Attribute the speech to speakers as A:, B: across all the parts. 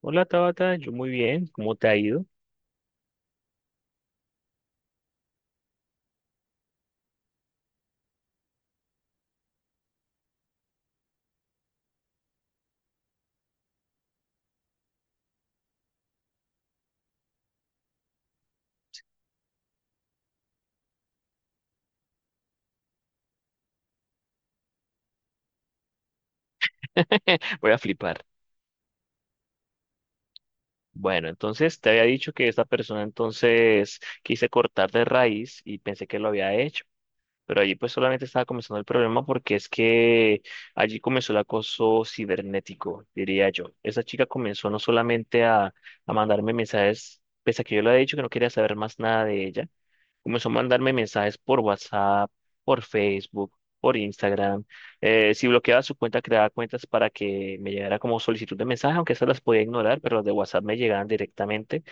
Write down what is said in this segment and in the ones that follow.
A: Hola Tabata, yo muy bien, ¿cómo te ha ido? Voy a flipar. Bueno, entonces te había dicho que esta persona entonces quise cortar de raíz y pensé que lo había hecho, pero allí pues solamente estaba comenzando el problema porque es que allí comenzó el acoso cibernético, diría yo. Esa chica comenzó no solamente a mandarme mensajes, pese a que yo le había dicho que no quería saber más nada de ella. Comenzó a mandarme mensajes por WhatsApp, por Facebook, por Instagram. Si bloqueaba su cuenta, creaba cuentas para que me llegara como solicitud de mensaje, aunque esas las podía ignorar, pero las de WhatsApp me llegaban directamente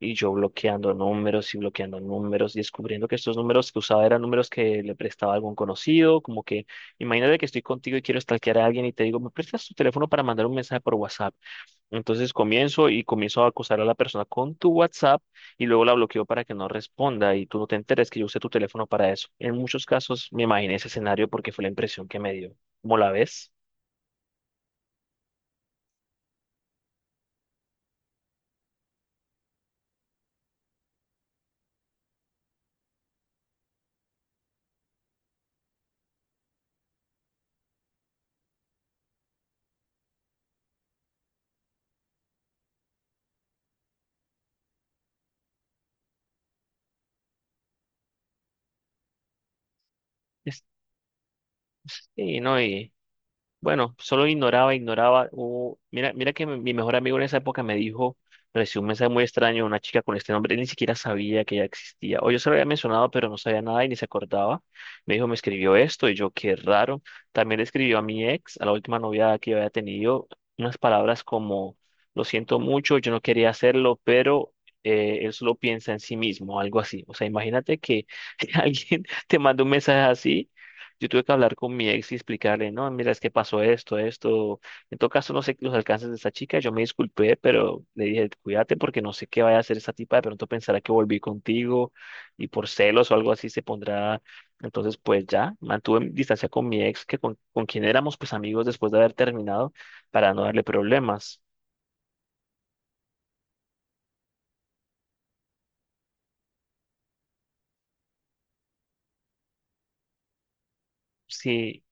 A: y yo bloqueando números, y descubriendo que estos números que usaba eran números que le prestaba a algún conocido, como que imagínate que estoy contigo y quiero stalkear a alguien y te digo, ¿me prestas tu teléfono para mandar un mensaje por WhatsApp? Entonces comienzo y comienzo a acosar a la persona con tu WhatsApp y luego la bloqueo para que no responda y tú no te enteres que yo usé tu teléfono para eso. En muchos casos me imaginé ese escenario porque fue la impresión que me dio. ¿Cómo la ves? Es- Sí, ¿no? Bueno, solo ignoraba, ignoraba. Mira, mira que mi mejor amigo en esa época me dijo, recibió un mensaje muy extraño de una chica con este nombre, él ni siquiera sabía que ella existía. O yo se lo había mencionado, pero no sabía nada y ni se acordaba. Me dijo, me escribió esto y yo, qué raro. También le escribió a mi ex, a la última novia que yo había tenido, unas palabras como, lo siento mucho, yo no quería hacerlo, pero él solo piensa en sí mismo, algo así. O sea, imagínate que alguien te manda un mensaje así. Yo tuve que hablar con mi ex y explicarle, no, mira, es que pasó esto, esto. En todo caso, no sé los alcances de esta chica. Yo me disculpé, pero le dije, cuídate porque no sé qué vaya a hacer esta tipa. De pronto pensará que volví contigo y por celos o algo así se pondrá. Entonces, pues ya, mantuve distancia con mi ex, que con quien éramos pues amigos después de haber terminado, para no darle problemas. Sí,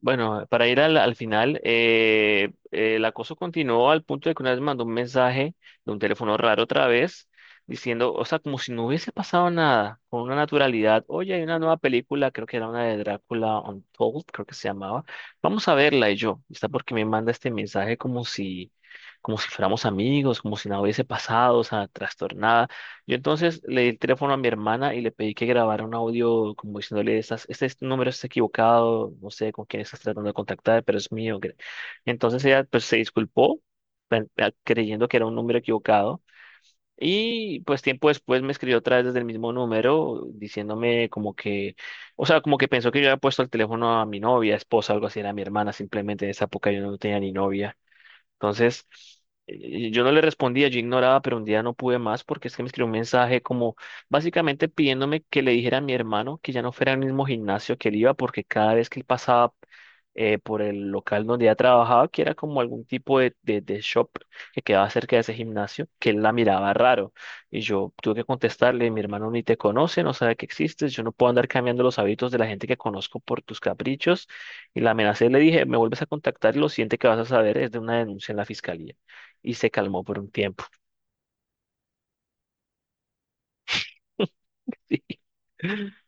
A: bueno, para ir al final, el acoso continuó al punto de que una vez mandó un mensaje de un teléfono raro otra vez, diciendo, o sea, como si no hubiese pasado nada, con una naturalidad. Oye, hay una nueva película, creo que era una de Drácula Untold, creo que se llamaba. Vamos a verla y yo, está porque me manda este mensaje como si fuéramos amigos, como si nada hubiese pasado, o sea, trastornada. Yo entonces le di el teléfono a mi hermana y le pedí que grabara un audio como diciéndole, número está equivocado, no sé con quién estás tratando de contactar, pero es mío. Entonces ella pues se disculpó creyendo que era un número equivocado y pues tiempo después me escribió otra vez desde el mismo número diciéndome como que, o sea, como que pensó que yo había puesto el teléfono a mi novia, esposa, algo así, era mi hermana simplemente. En esa época yo no tenía ni novia. Entonces, yo no le respondía, yo ignoraba, pero un día no pude más porque es que me escribió un mensaje como básicamente pidiéndome que le dijera a mi hermano que ya no fuera al mismo gimnasio que él iba porque cada vez que él pasaba por el local donde ella trabajaba, que era como algún tipo de shop que quedaba cerca de ese gimnasio, que él la miraba raro. Y yo tuve que contestarle, mi hermano ni te conoce, no sabe que existes, yo no puedo andar cambiando los hábitos de la gente que conozco por tus caprichos. Y la amenacé, le dije, me vuelves a contactar y lo siguiente que vas a saber es de una denuncia en la fiscalía. Y se calmó por un tiempo.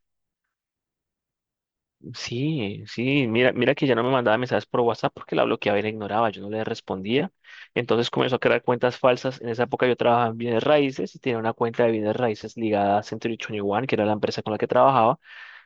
A: Sí, sí, mira, mira que ya no me mandaba mensajes por WhatsApp porque la bloqueaba y la ignoraba, yo no le respondía. Entonces comenzó a crear cuentas falsas. En esa época yo trabajaba en bienes raíces y tenía una cuenta de bienes raíces ligada a Century 21, que era la empresa con la que trabajaba.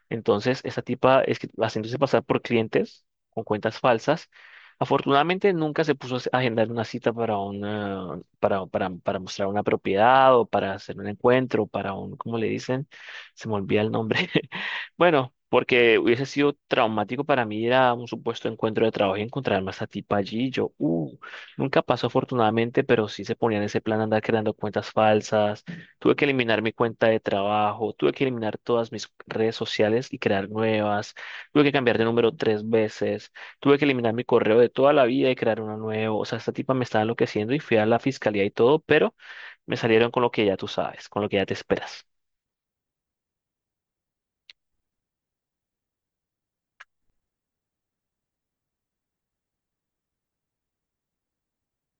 A: Entonces, esta tipa es que- haciéndose pasar por clientes con cuentas falsas. Afortunadamente, nunca se puso a agendar una cita para, una, para mostrar una propiedad o para hacer un encuentro, para un, ¿cómo le dicen? Se me olvida el nombre. Bueno, porque hubiese sido traumático para mí ir a un supuesto encuentro de trabajo y encontrarme a esta tipa allí. Nunca pasó afortunadamente, pero sí se ponía en ese plan de andar creando cuentas falsas. Tuve que eliminar mi cuenta de trabajo, tuve que eliminar todas mis redes sociales y crear nuevas, tuve que cambiar de número tres veces, tuve que eliminar mi correo de toda la vida y crear uno nuevo. O sea, esta tipa me estaba enloqueciendo y fui a la fiscalía y todo, pero me salieron con lo que ya tú sabes, con lo que ya te esperas.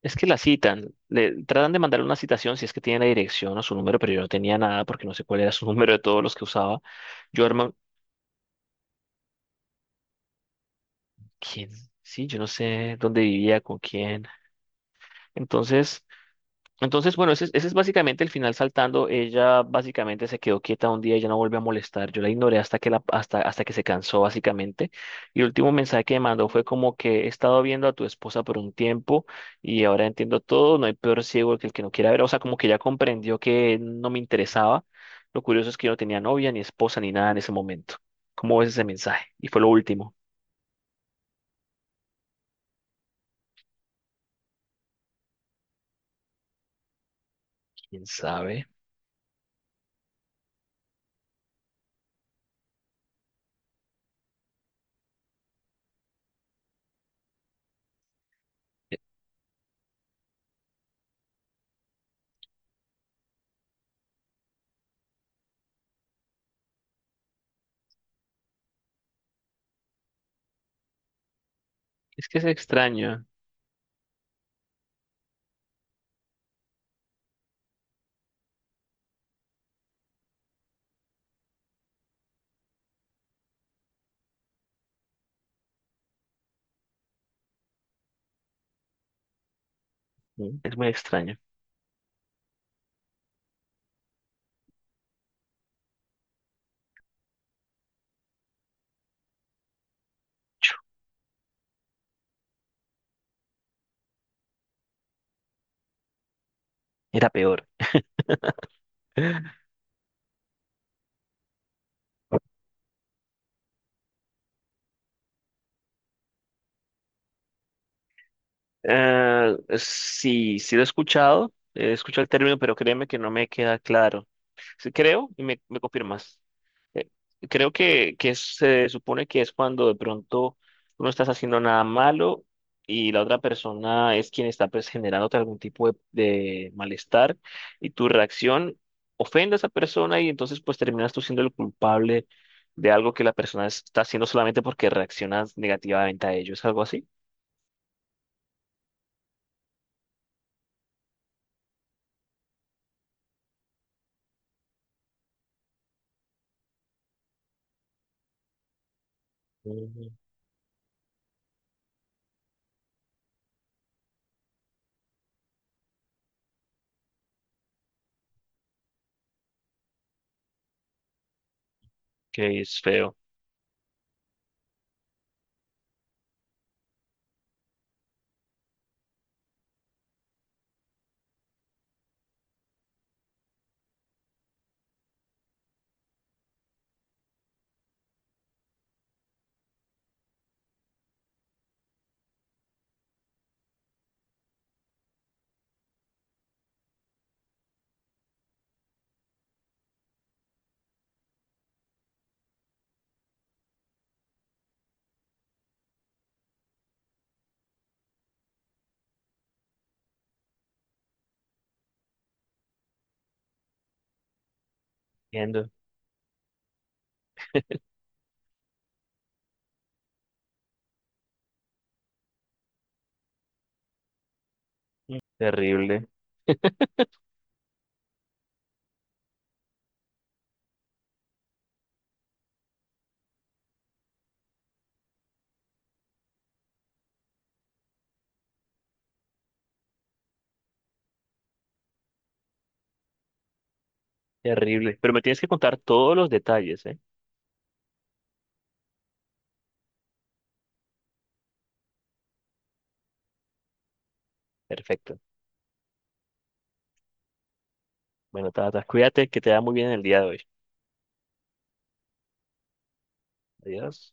A: Es que la citan, le tratan de mandarle una citación si es que tiene la dirección o su número, pero yo no tenía nada porque no sé cuál era su número de todos los que usaba. Yo, hermano, ¿quién? Sí, yo no sé dónde vivía, con quién. Entonces... Entonces, bueno, ese es básicamente el final saltando. Ella básicamente se quedó quieta un día y ya no volvió a molestar. Yo la ignoré hasta que se cansó, básicamente. Y el último mensaje que me mandó fue como que he estado viendo a tu esposa por un tiempo y ahora entiendo todo. No hay peor ciego que el que no quiera ver. O sea, como que ya comprendió que no me interesaba. Lo curioso es que yo no tenía novia, ni esposa, ni nada en ese momento. ¿Cómo ves ese mensaje? Y fue lo último. ¿Quién sabe? Es que es extraño. ¿No? Es muy extraño. Era peor. Sí, sí lo he escuchado el término, pero créeme que no me queda claro. Sí, creo, y me confirmas, eh, creo que se supone que es cuando de pronto tú no estás haciendo nada malo y la otra persona es quien está pues, generándote algún tipo de malestar y tu reacción ofende a esa persona y entonces pues terminas tú siendo el culpable de algo que la persona está haciendo solamente porque reaccionas negativamente a ello. ¿Es algo así? Mm, que es feo. Entiendo. Mm, terrible, terrible. Pero me tienes que contar todos los detalles, ¿eh? Perfecto. Bueno, Tata, cuídate, que te da muy bien el día de hoy. Adiós.